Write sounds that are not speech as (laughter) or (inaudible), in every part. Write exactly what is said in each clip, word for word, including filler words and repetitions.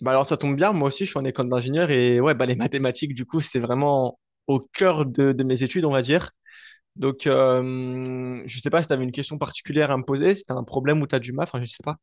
Bah alors ça tombe bien, moi aussi je suis en école d'ingénieur et ouais bah les (laughs) mathématiques du coup c'est vraiment au cœur de, de mes études on va dire. Donc euh, je sais pas si tu avais une question particulière à me poser, si tu as un problème ou tu as du mal, enfin je sais pas.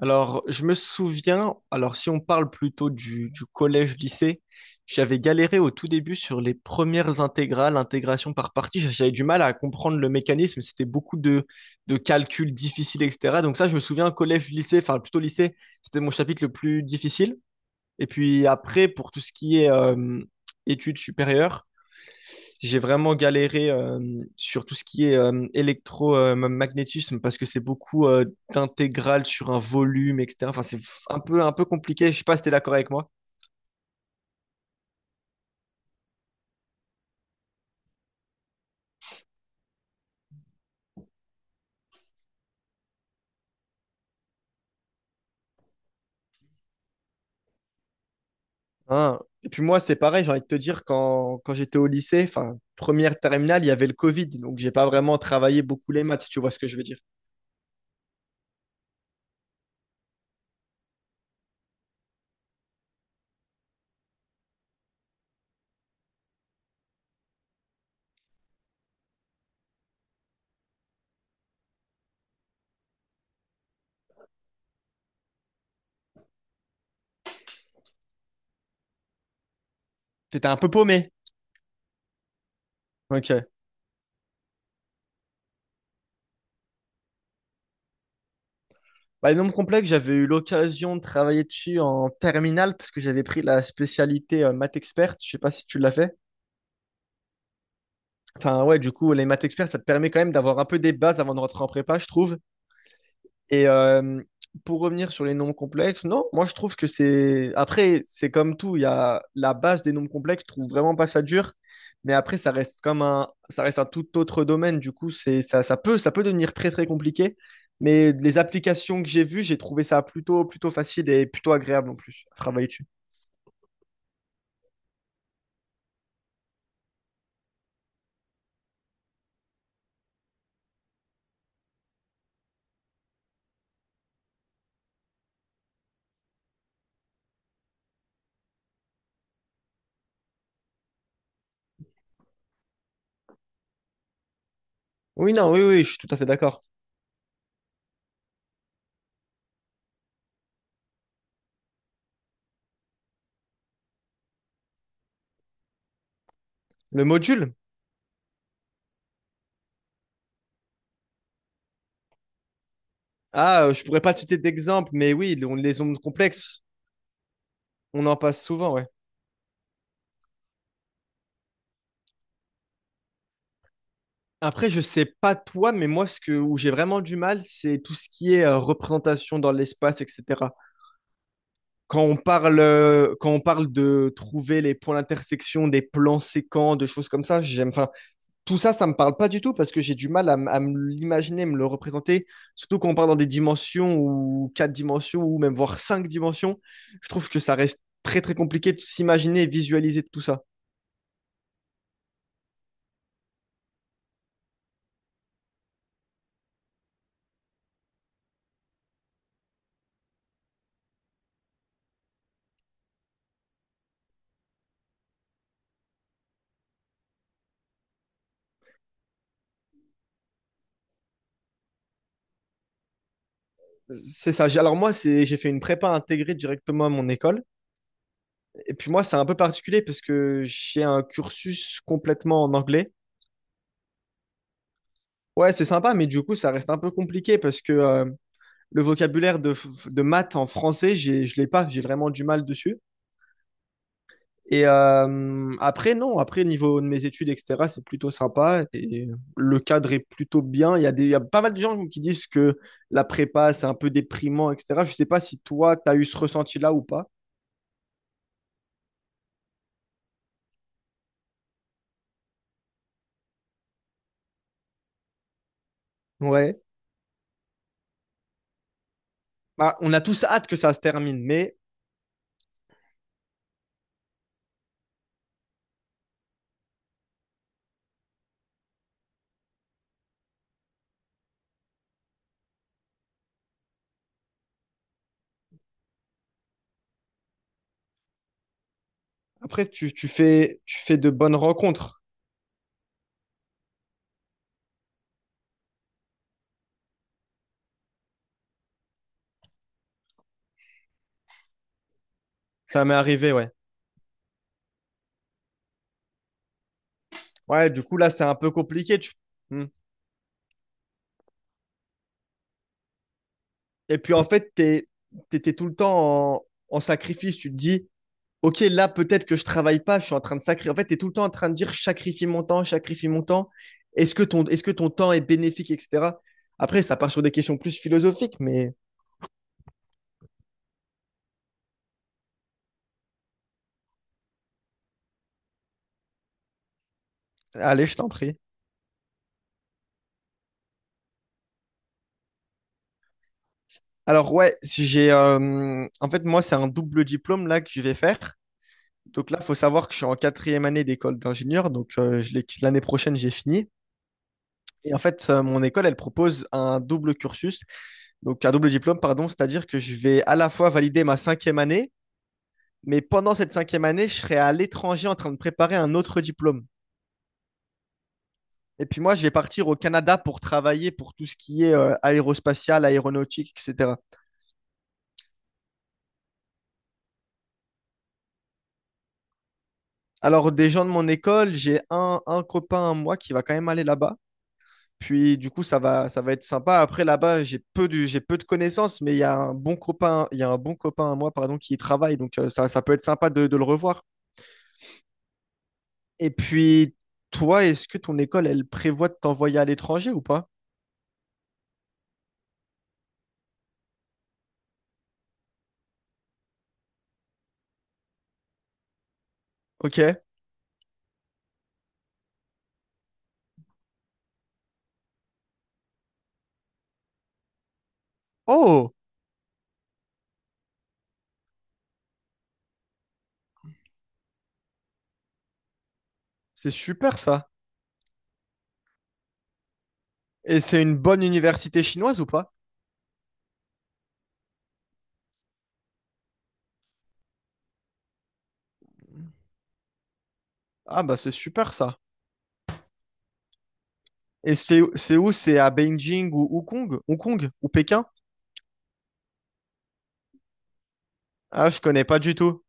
Alors je me souviens, alors si on parle plutôt du, du collège-lycée, j'avais galéré au tout début sur les premières intégrales, intégration par partie, j'avais du mal à comprendre le mécanisme, c'était beaucoup de, de calculs difficiles et cetera. Donc ça je me souviens collège-lycée, enfin plutôt lycée, c'était mon chapitre le plus difficile. Et puis après, pour tout ce qui est euh, études supérieures, j'ai vraiment galéré euh, sur tout ce qui est euh, électromagnétisme parce que c'est beaucoup euh, d'intégrales sur un volume, et cetera. Enfin, c'est un peu, un peu compliqué. Je sais pas si t'es d'accord avec moi. Hein. Et puis moi, c'est pareil, j'ai envie de te dire, quand, quand j'étais au lycée, enfin, première terminale, il y avait le Covid, donc j'ai pas vraiment travaillé beaucoup les maths, si tu vois ce que je veux dire. T'étais un peu paumé. Ok. Bah, les nombres complexes, j'avais eu l'occasion de travailler dessus en terminale parce que j'avais pris la spécialité euh, maths experte. Je sais pas si tu l'as fait. Enfin, ouais, du coup, les maths experts, ça te permet quand même d'avoir un peu des bases avant de rentrer en prépa, je trouve. Et euh, pour revenir sur les nombres complexes, non, moi je trouve que c'est. Après, c'est comme tout, il y a la base des nombres complexes, je trouve vraiment pas ça dur. Mais après, ça reste comme un, ça reste un tout autre domaine. Du coup, c'est ça, ça peut, ça peut devenir très très compliqué. Mais les applications que j'ai vues, j'ai trouvé ça plutôt plutôt facile et plutôt agréable en plus à travailler dessus. Oui, non, oui, oui, je suis tout à fait d'accord. Le module? Ah, euh, je pourrais pas te citer d'exemple, mais oui, on- les ondes complexes, on en passe souvent, ouais. Après, je sais pas toi, mais moi, ce que, où j'ai vraiment du mal, c'est tout ce qui est euh, représentation dans l'espace, et cetera. Quand on parle, euh, quand on parle de trouver les points d'intersection, des plans séquents, de choses comme ça, j'aime, enfin, tout ça, ça me parle pas du tout parce que j'ai du mal à, m- à me l'imaginer, me le représenter. Surtout quand on parle dans des dimensions ou quatre dimensions ou même voire cinq dimensions, je trouve que ça reste très très compliqué de s'imaginer et visualiser tout ça. C'est ça. J'ai- Alors moi, c'est, j'ai fait une prépa intégrée directement à mon école. Et puis moi, c'est un peu particulier parce que j'ai un cursus complètement en anglais. Ouais, c'est sympa, mais du coup, ça reste un peu compliqué parce que euh, le vocabulaire de, f- de maths en français, j'ai, je l'ai pas. J'ai vraiment du mal dessus. Et euh, après, non, après, niveau de mes études, et cetera, c'est plutôt sympa. Et le cadre est plutôt bien. Il y a des, il y a pas mal de gens qui disent que la prépa, c'est un peu déprimant, et cetera. Je sais pas si toi, tu as eu ce ressenti-là ou pas. Ouais. Bah, on a tous hâte que ça se termine, mais après, tu, tu fais, tu fais de bonnes rencontres. Ça m'est arrivé, ouais. Ouais, du coup, là, c'est un peu compliqué. tu- Hmm. Et puis, en fait, t'es, t'étais tout le temps en, en sacrifice. Tu te dis, OK, là, peut-être que je travaille pas, je suis en train de sacrifier. En fait, t'es tout le temps en train de dire, je sacrifie mon temps, je sacrifie mon temps. Est-ce que ton, est-ce que ton temps est bénéfique, et cetera. Après, ça part sur des questions plus philosophiques, mais allez, je t'en prie. Alors, ouais, si j'ai, euh, en fait, moi, c'est un double diplôme là que je vais faire. Donc là, il faut savoir que je suis en quatrième année d'école d'ingénieur. Donc euh, je l'ai- l'année prochaine, j'ai fini. Et en fait, euh, mon école, elle propose un double cursus, donc un double diplôme, pardon. C'est-à-dire que je vais à la fois valider ma cinquième année, mais pendant cette cinquième année, je serai à l'étranger en train de préparer un autre diplôme. Et puis moi, je vais partir au Canada pour travailler pour tout ce qui est euh, aérospatial, aéronautique, et cetera. Alors, des gens de mon école, j'ai un, un copain à moi qui va quand même aller là-bas. Puis du coup, ça va, ça va être sympa. Après, là-bas, j'ai peu de, j'ai peu de connaissances, mais il y a un bon copain, il y a un bon copain à moi, pardon, qui y travaille. Donc euh, ça, ça peut être sympa de, de le revoir. Et puis, toi, est-ce que ton école, elle prévoit de t'envoyer à l'étranger ou pas? Ok. Oh, c'est super ça. Et c'est une bonne université chinoise ou pas? Ah bah c'est super ça. Et c'est, c'est où? C'est à Beijing ou Hong Kong? Hong Kong ou Pékin? Ah, je connais pas du tout.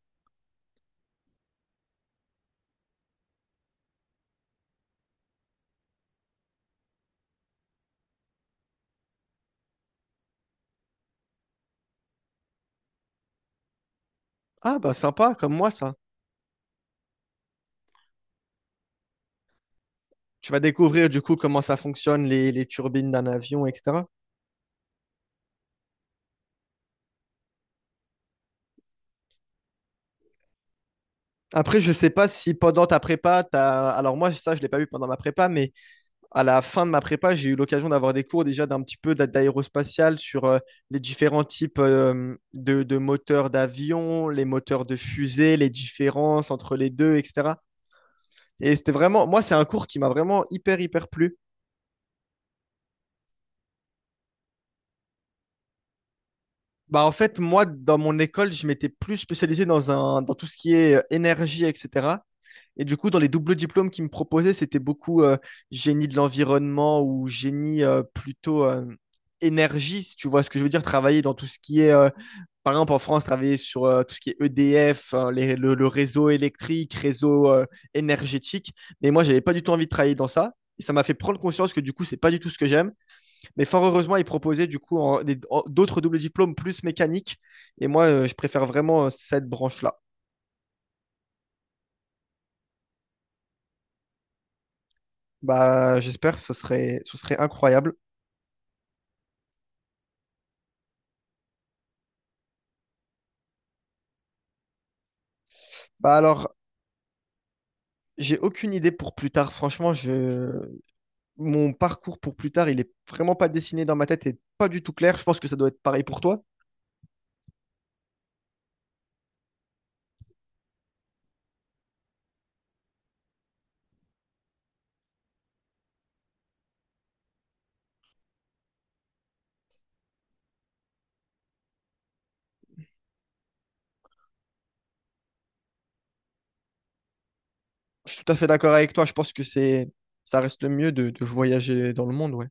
Ah, bah sympa, comme moi ça. Tu vas découvrir du coup comment ça fonctionne, les, les turbines d'un avion, et cetera. Après, je sais pas si pendant ta prépa, t'as... Alors moi, ça, je l'ai pas vu pendant ma prépa, mais à la fin de ma prépa, j'ai eu l'occasion d'avoir des cours déjà d'un petit peu d'a- d'aérospatial sur euh, les différents types euh, de, de moteurs d'avion, les moteurs de fusée, les différences entre les deux, et cetera. Et c'était vraiment, moi, c'est un cours qui m'a vraiment hyper, hyper plu. Bah, en fait, moi, dans mon école, je m'étais plus spécialisé dans un, dans tout ce qui est euh, énergie, et cetera. Et du coup, dans les doubles diplômes qu'ils me proposaient, c'était beaucoup euh, génie de l'environnement ou génie euh, plutôt euh, énergie, si tu vois ce que je veux dire, travailler dans tout ce qui est euh, par exemple, en France, travailler sur euh, tout ce qui est E D F, hein, les- le, le réseau électrique, réseau euh, énergétique. Mais moi, j'avais pas du tout envie de travailler dans ça. Et ça m'a fait prendre conscience que du coup, c'est pas du tout ce que j'aime. Mais fort heureusement, ils proposaient du coup en- des- en- d'autres doubles diplômes plus mécaniques. Et moi, euh, je préfère vraiment euh, cette branche-là. Bah, j'espère, ce serait, ce serait incroyable. Bah alors, j'ai aucune idée pour plus tard. Franchement, je, mon parcours pour plus tard, il est vraiment pas dessiné dans ma tête et pas du tout clair. Je pense que ça doit être pareil pour toi. Je suis tout à fait d'accord avec toi. Je pense que c'est, ça reste le mieux de, de voyager dans le monde, ouais.